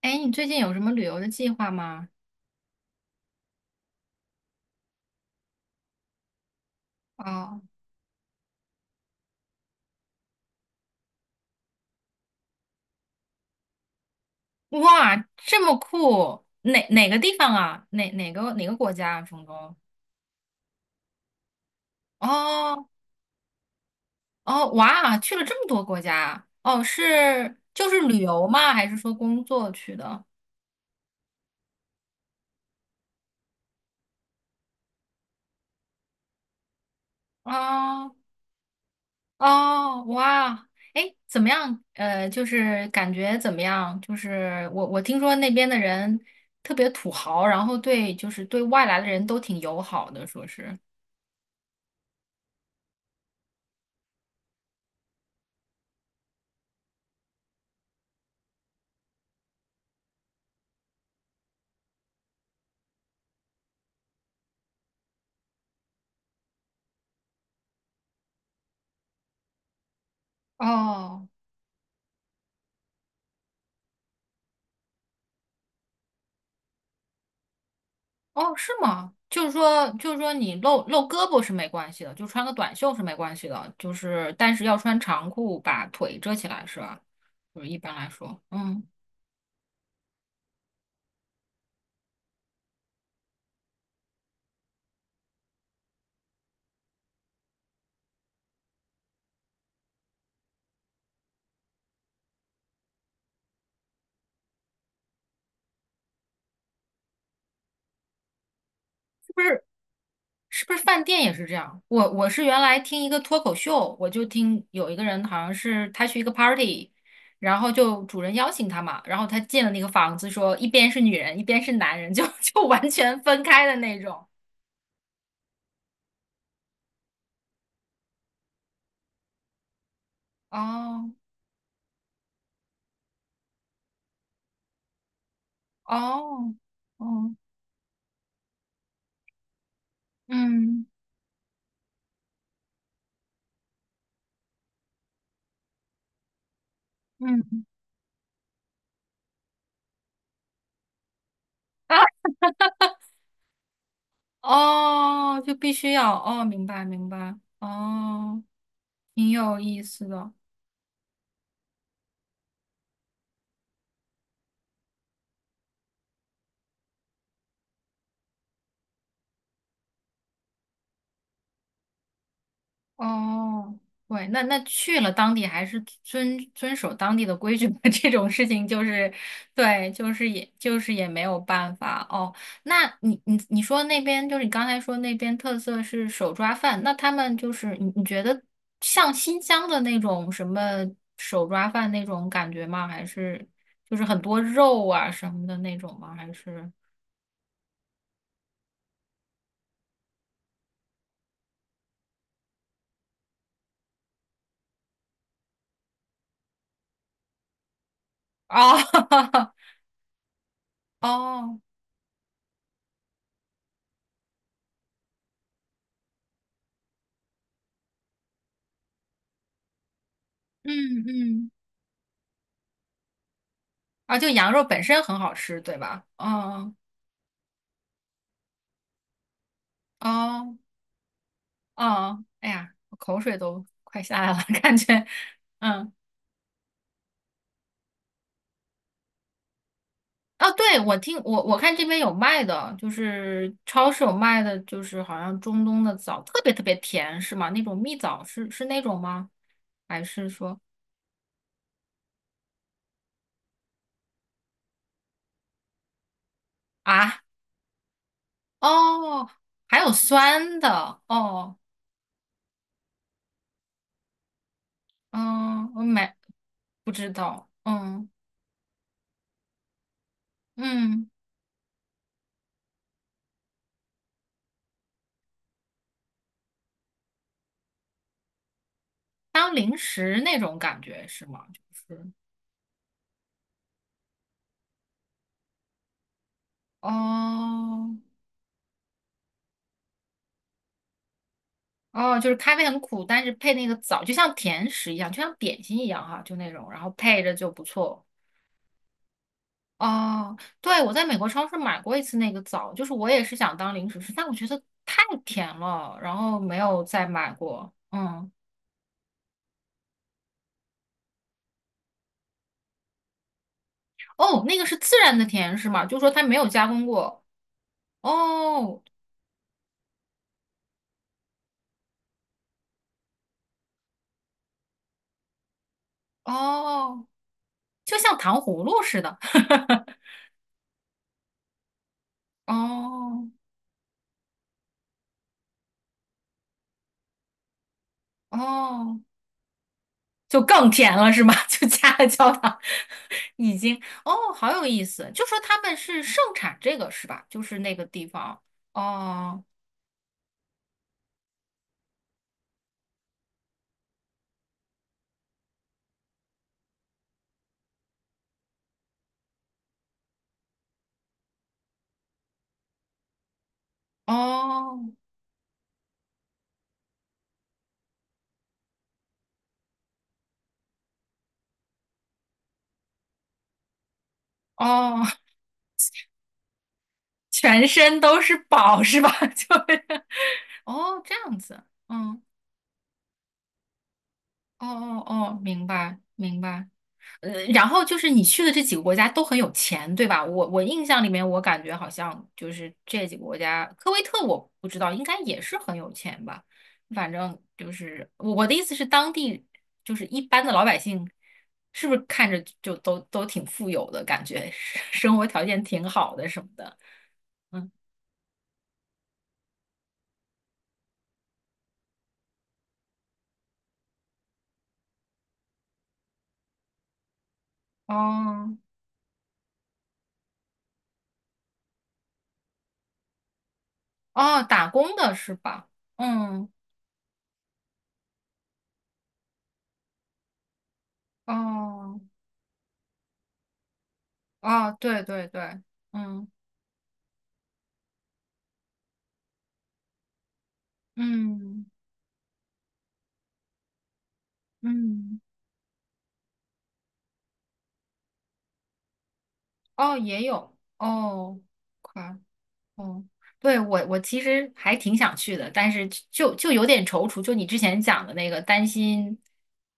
哎，你最近有什么旅游的计划吗？哦，哇，这么酷！哪个地方啊？哪个国家啊？中东？哦哦，哇，去了这么多国家啊！哦，是就是旅游吗？还是说工作去的？哦哦，哇！哎，怎么样？就是感觉怎么样？就是我听说那边的人特别土豪，然后对就是对外来的人都挺友好的，说是。哦哦，是吗？就是说，就是说，你露胳膊是没关系的，就穿个短袖是没关系的，就是但是要穿长裤把腿遮起来，是吧？就是一般来说，嗯，是不是？是不是饭店也是这样？我是原来听一个脱口秀，我就听有一个人好像是他去一个 party，然后就主人邀请他嘛，然后他进了那个房子说，一边是女人，一边是男人，就 就完全分开的那种。哦哦哦，嗯嗯。啊。哦，就必须要哦，明白明白，哦，挺有意思的，哦，对，那那去了当地还是遵守当地的规矩吧，这种事情就是，对，就是也就是也没有办法哦。那你说那边就是你刚才说那边特色是手抓饭，那他们就是你觉得像新疆的那种什么手抓饭那种感觉吗？还是就是很多肉啊什么的那种吗？还是？哦 哦，嗯嗯，啊，就羊肉本身很好吃，对吧？哦哦哦，哎呀，我口水都快下来了，感觉，嗯，哦，对，我听我看这边有卖的，就是超市有卖的，就是好像中东的枣特别特别甜，是吗？那种蜜枣是那种吗？还是说啊？哦，还有酸的，哦，嗯，我买不知道，嗯嗯。当零食那种感觉是吗？就是哦哦，就是咖啡很苦，但是配那个枣，就像甜食一样，就像点心一样哈，就那种，然后配着就不错。哦，对，我在美国超市买过一次那个枣，就是我也是想当零食吃，但我觉得太甜了，然后没有再买过。嗯，哦，那个是自然的甜是吗？就是说它没有加工过。哦哦，就像糖葫芦似的。哦哦就更甜了是吗？就加了焦糖，已经哦，好有意思。就说他们是盛产这个是吧？就是那个地方，哦哦哦，全身都是宝是吧？就是哦这样子，嗯，哦哦哦，明白明白。然后就是你去的这几个国家都很有钱，对吧？我印象里面，我感觉好像就是这几个国家，科威特我不知道，应该也是很有钱吧。反正就是我的意思是，当地就是一般的老百姓，是不是看着就都挺富有的感觉，生活条件挺好的什么的。嗯，哦哦，打工的是吧？嗯，哦哦，对对对，嗯嗯嗯。哦，也有哦快。哦，对，我其实还挺想去的，但是就有点踌躇。就你之前讲的那个，担心，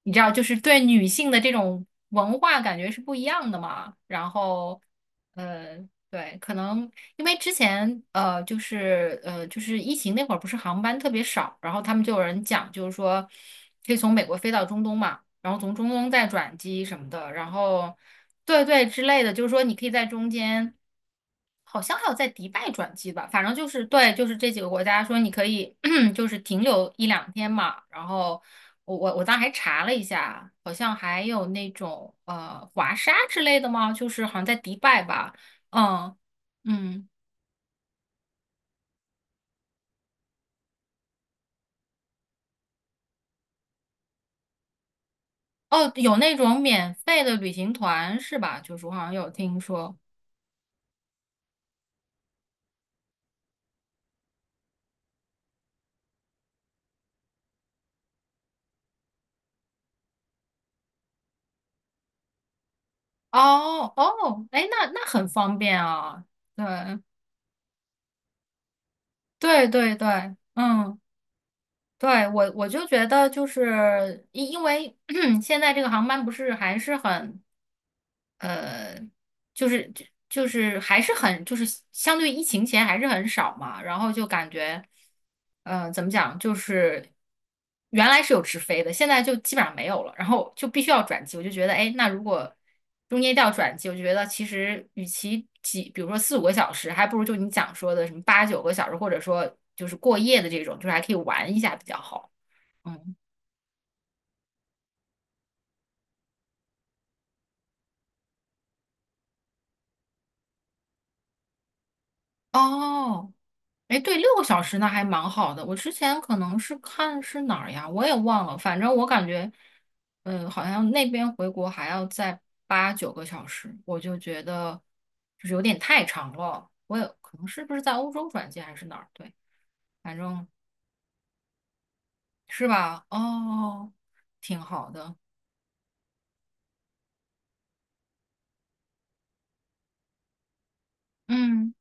你知道，就是对女性的这种文化感觉是不一样的嘛。然后，呃，对，可能因为之前就是就是疫情那会儿，不是航班特别少，然后他们就有人讲，就是说可以从美国飞到中东嘛，然后从中东再转机什么的，然后对对之类的，就是说你可以在中间。好像还有在迪拜转机吧，反正就是对，就是这几个国家说你可以 就是停留一两天嘛。然后我当时还查了一下，好像还有那种华沙之类的吗？就是好像在迪拜吧，嗯嗯哦，有那种免费的旅行团是吧？就是我好像有听说。哦哦，哎，那那很方便啊，对对对对，嗯。对，我就觉得就是因为 现在这个航班不是还是很呃，就是就是还是很就是相对疫情前还是很少嘛，然后就感觉，怎么讲，就是原来是有直飞的，现在就基本上没有了，然后就必须要转机，我就觉得，哎，那如果中间一定要转机，我就觉得其实与其几，比如说四五个小时，还不如就你讲说的什么八九个小时，或者说就是过夜的这种，就是还可以玩一下比较好。嗯，哦，哎，对，六个小时那还蛮好的。我之前可能是看是哪儿呀，我也忘了。反正我感觉，嗯，好像那边回国还要再八九个小时，我就觉得就是有点太长了。我也可能是不是在欧洲转机还是哪儿？对，反正是吧？哦，挺好的。嗯。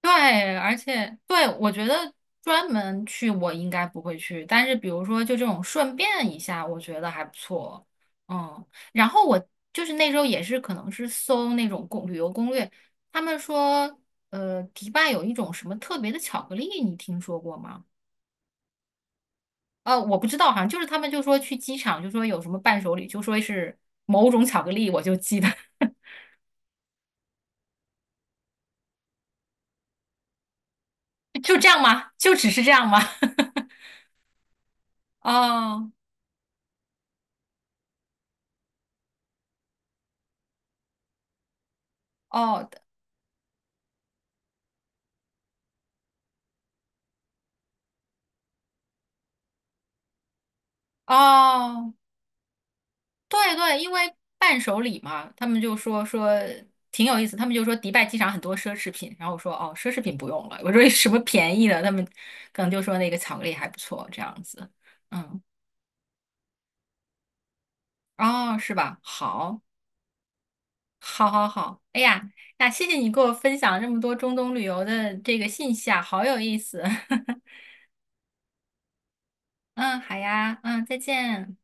对，而且对，我觉得专门去我应该不会去，但是比如说就这种顺便一下，我觉得还不错。嗯，然后我就是那时候也是可能是搜那种攻旅游攻略，他们说，迪拜有一种什么特别的巧克力，你听说过吗？我不知道，好像就是他们就说去机场就说有什么伴手礼，就说是某种巧克力，我就记得 就这样吗？就只是这样吗？哦哦哦。对对，因为伴手礼嘛，他们就说说挺有意思，他们就说迪拜机场很多奢侈品，然后我说哦，奢侈品不用了，我说有什么便宜的，他们可能就说那个巧克力还不错，这样子，嗯，哦，是吧？好，好，好，好，哎呀，那谢谢你给我分享这么多中东旅游的这个信息啊，好有意思，嗯，好呀，嗯，再见。